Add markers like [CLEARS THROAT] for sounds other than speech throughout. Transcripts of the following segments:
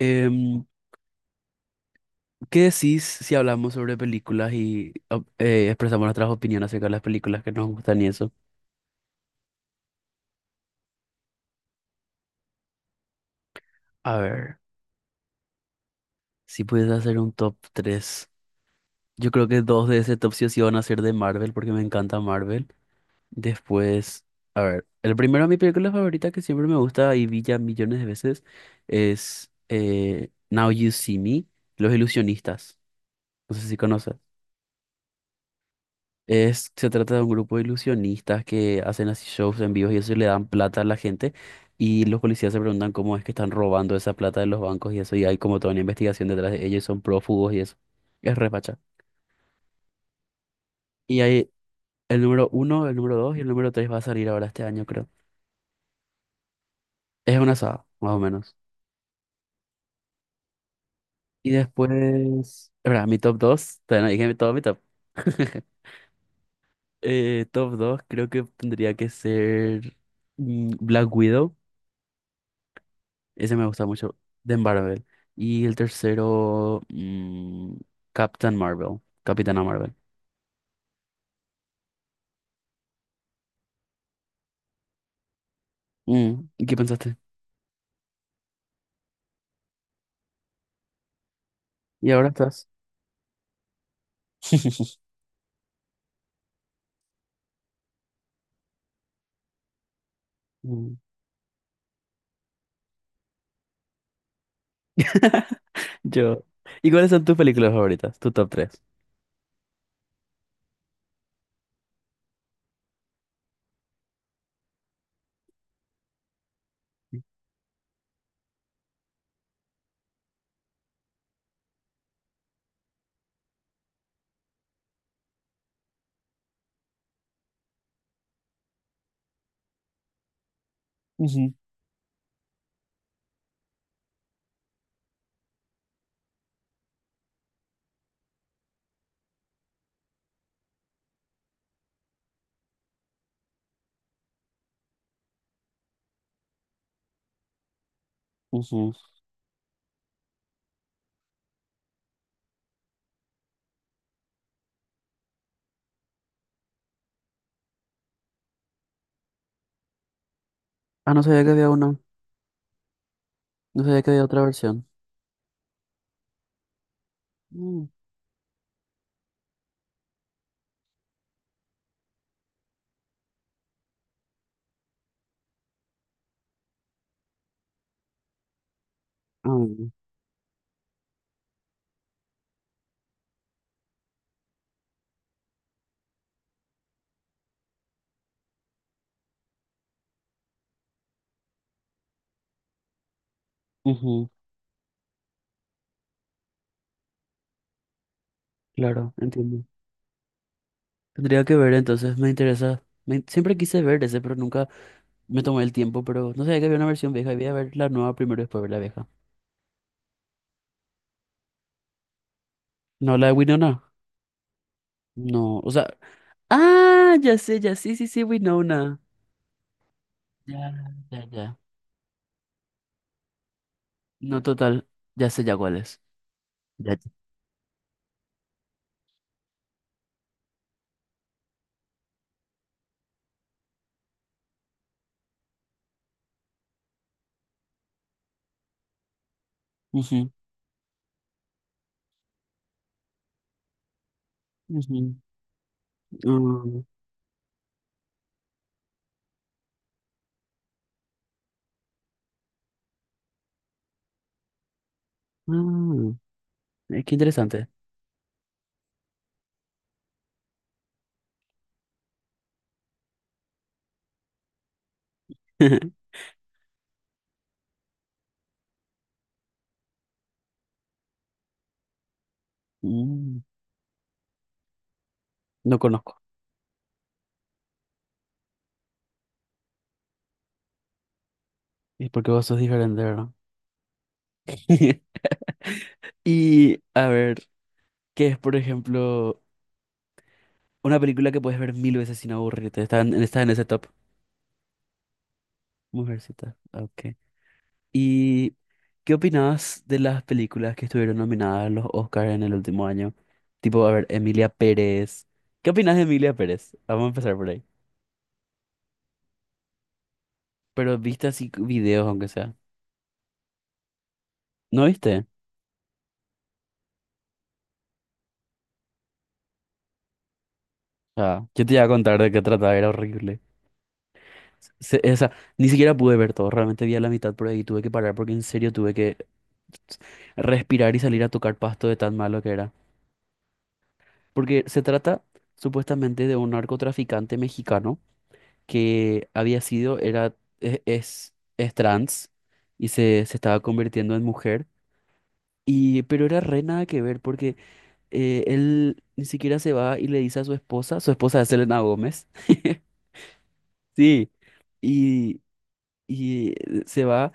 Em, ¿Qué decís si hablamos sobre películas y expresamos nuestras opiniones acerca de las películas que nos gustan y eso? A ver, si puedes hacer un top 3, yo creo que dos de ese top sí o sí van a ser de Marvel porque me encanta Marvel. Después, a ver, el primero, mi película favorita que siempre me gusta y vi ya millones de veces es Now You See Me, Los Ilusionistas. No sé si conoces. Es, se trata de un grupo de ilusionistas que hacen así shows en vivo y eso y le dan plata a la gente y los policías se preguntan cómo es que están robando esa plata de los bancos y eso y hay como toda una investigación detrás de ellos, y son prófugos y eso. Es repacha. Y hay el número uno, el número dos y el número tres va a salir ahora este año, creo. Es una saga, más o menos. Y después, ¿verdad? Mi top dos, todavía no dije todo mi top. [LAUGHS] Top dos creo que tendría que ser Black Widow. Ese me gusta mucho, de Marvel. Y el tercero, Captain Marvel, Capitana Marvel. Mm, ¿y qué pensaste? ¿Y ahora estás? [LAUGHS] Mm. [LAUGHS] Yo. ¿Y cuáles son tus películas favoritas? Tu top tres. Ujú, ujú. Ah, no sabía que había una. No sabía que había otra versión. Mm. Ah, ujú, claro, entiendo. Tendría que ver, entonces me interesa. Siempre quise ver ese, pero nunca me tomé el tiempo. Pero no sabía que había una versión vieja. Y voy a ver la nueva primero y después ver la vieja. No, la de Winona. No, o sea, ah, ya sé, ya sí, sí, sí, Winona. Ya, ya, ya. No, total, ya sé ya cuál es. Ya. Ujú, ujú. Mm, mm, Qué interesante. [LAUGHS] Mm, no conozco. Es porque vos sos diferente, ¿verdad? [LAUGHS] Y a ver, ¿qué es, por ejemplo, una película que puedes ver mil veces sin aburrirte? Está en ese top. Mujercita. Ok. Y ¿qué opinás de las películas que estuvieron nominadas a los Oscars en el último año? Tipo, a ver, Emilia Pérez. ¿Qué opinás de Emilia Pérez? Vamos a empezar por ahí. Pero viste así videos, aunque sea. ¿No viste? Ah, yo te iba a contar de qué trataba, era horrible. O sea, ni siquiera pude ver todo, realmente vi a la mitad por ahí, tuve que parar porque en serio tuve que respirar y salir a tocar pasto de tan malo que era. Porque se trata supuestamente de un narcotraficante mexicano que había sido, era, es trans y se estaba convirtiendo en mujer. Y, pero era re nada que ver porque él ni siquiera se va y le dice a su esposa es Selena Gómez, [LAUGHS] sí, y y se va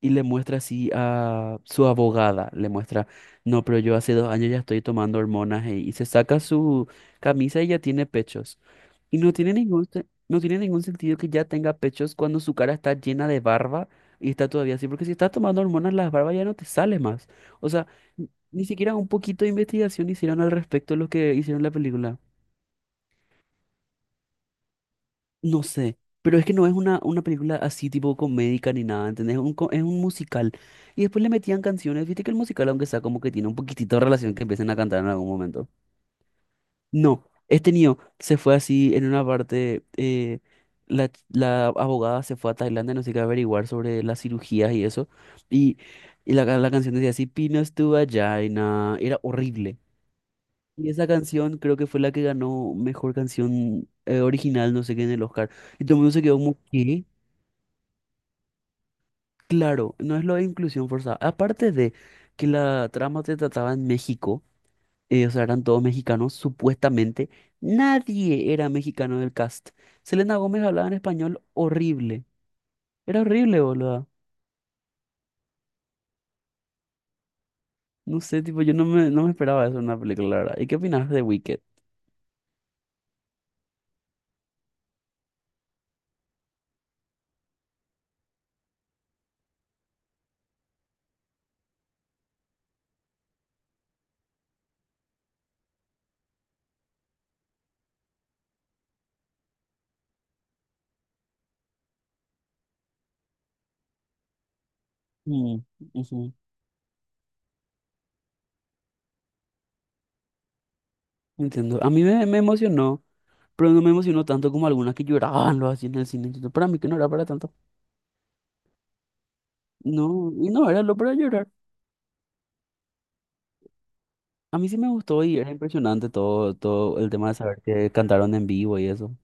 y le muestra así a su abogada, le muestra, no, pero yo hace 2 años ya estoy tomando hormonas ", y se saca su camisa y ya tiene pechos. Y no tiene ningún, no tiene ningún sentido que ya tenga pechos cuando su cara está llena de barba y está todavía así, porque si estás tomando hormonas, las barbas ya no te sale más. O sea, ni siquiera un poquito de investigación hicieron al respecto de lo que hicieron en la película. No sé, pero es que no es una película así tipo comédica ni nada, ¿entendés? Es un musical. Y después le metían canciones, viste que el musical, aunque sea como que tiene un poquitito de relación que empiecen a cantar en algún momento. No, este niño se fue así en una parte, la abogada se fue a Tailandia, no sé qué, a averiguar sobre las cirugías y eso. Y, y la canción decía así, Pinos tu vagina, era horrible. Y esa canción creo que fue la que ganó mejor canción original, no sé qué, en el Oscar. Y todo el mundo se quedó como, ¿qué? Claro, no es lo de inclusión forzada. Aparte de que la trama se trataba en México, o sea, eran todos mexicanos, supuestamente, nadie era mexicano del cast. Selena Gómez hablaba en español horrible. Era horrible, boludo. No sé, tipo, yo no me esperaba eso en una película, la verdad. ¿Y qué opinas de Wicked? Mm, ujú, entiendo. A mí me emocionó, pero no me emocionó tanto como algunas que lloraban lo así en el cine. Entonces, para mí que no era para tanto. No, y no era lo para llorar. A mí sí me gustó y era impresionante todo, todo el tema de saber que cantaron en vivo y eso.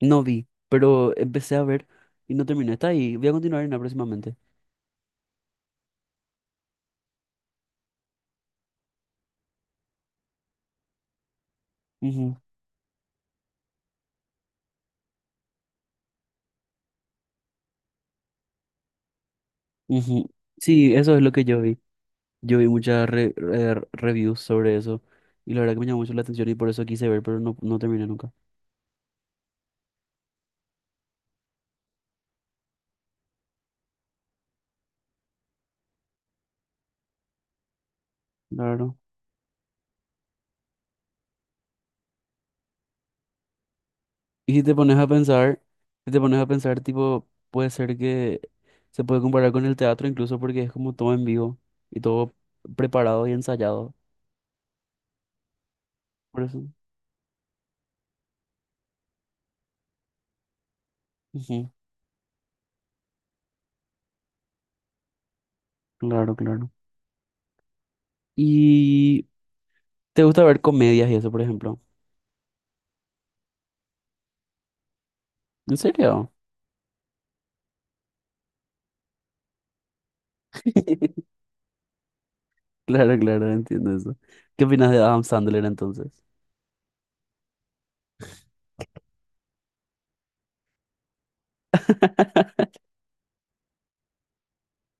No vi, pero empecé a ver y no terminé. Está ahí, voy a continuar en la próximamente. Ujú, ujú. Sí, eso es lo que yo vi. Yo vi muchas reviews sobre eso y la verdad que me llamó mucho la atención y por eso quise ver, pero no, no terminé nunca. Claro. Y si te pones a pensar, si te pones a pensar, tipo, puede ser que se puede comparar con el teatro incluso porque es como todo en vivo y todo preparado y ensayado. Por eso. Ujú. Claro, claro. ¿Y te gusta ver comedias y eso, por ejemplo? ¿En serio? [LAUGHS] Claro, claro, entiendo eso. ¿Qué opinas de Adam Sandler entonces? [LAUGHS]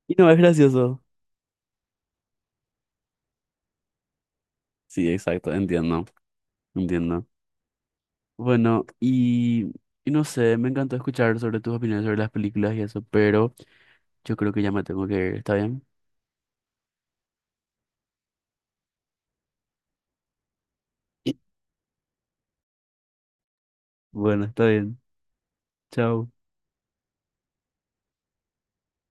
Y no es gracioso. Sí, exacto, entiendo, entiendo. Bueno, y no sé, me encantó escuchar sobre tus opiniones sobre las películas y eso, pero yo creo que ya me tengo que ir, ¿está bien? [CLEARS THROAT] Bueno, está bien. Chao.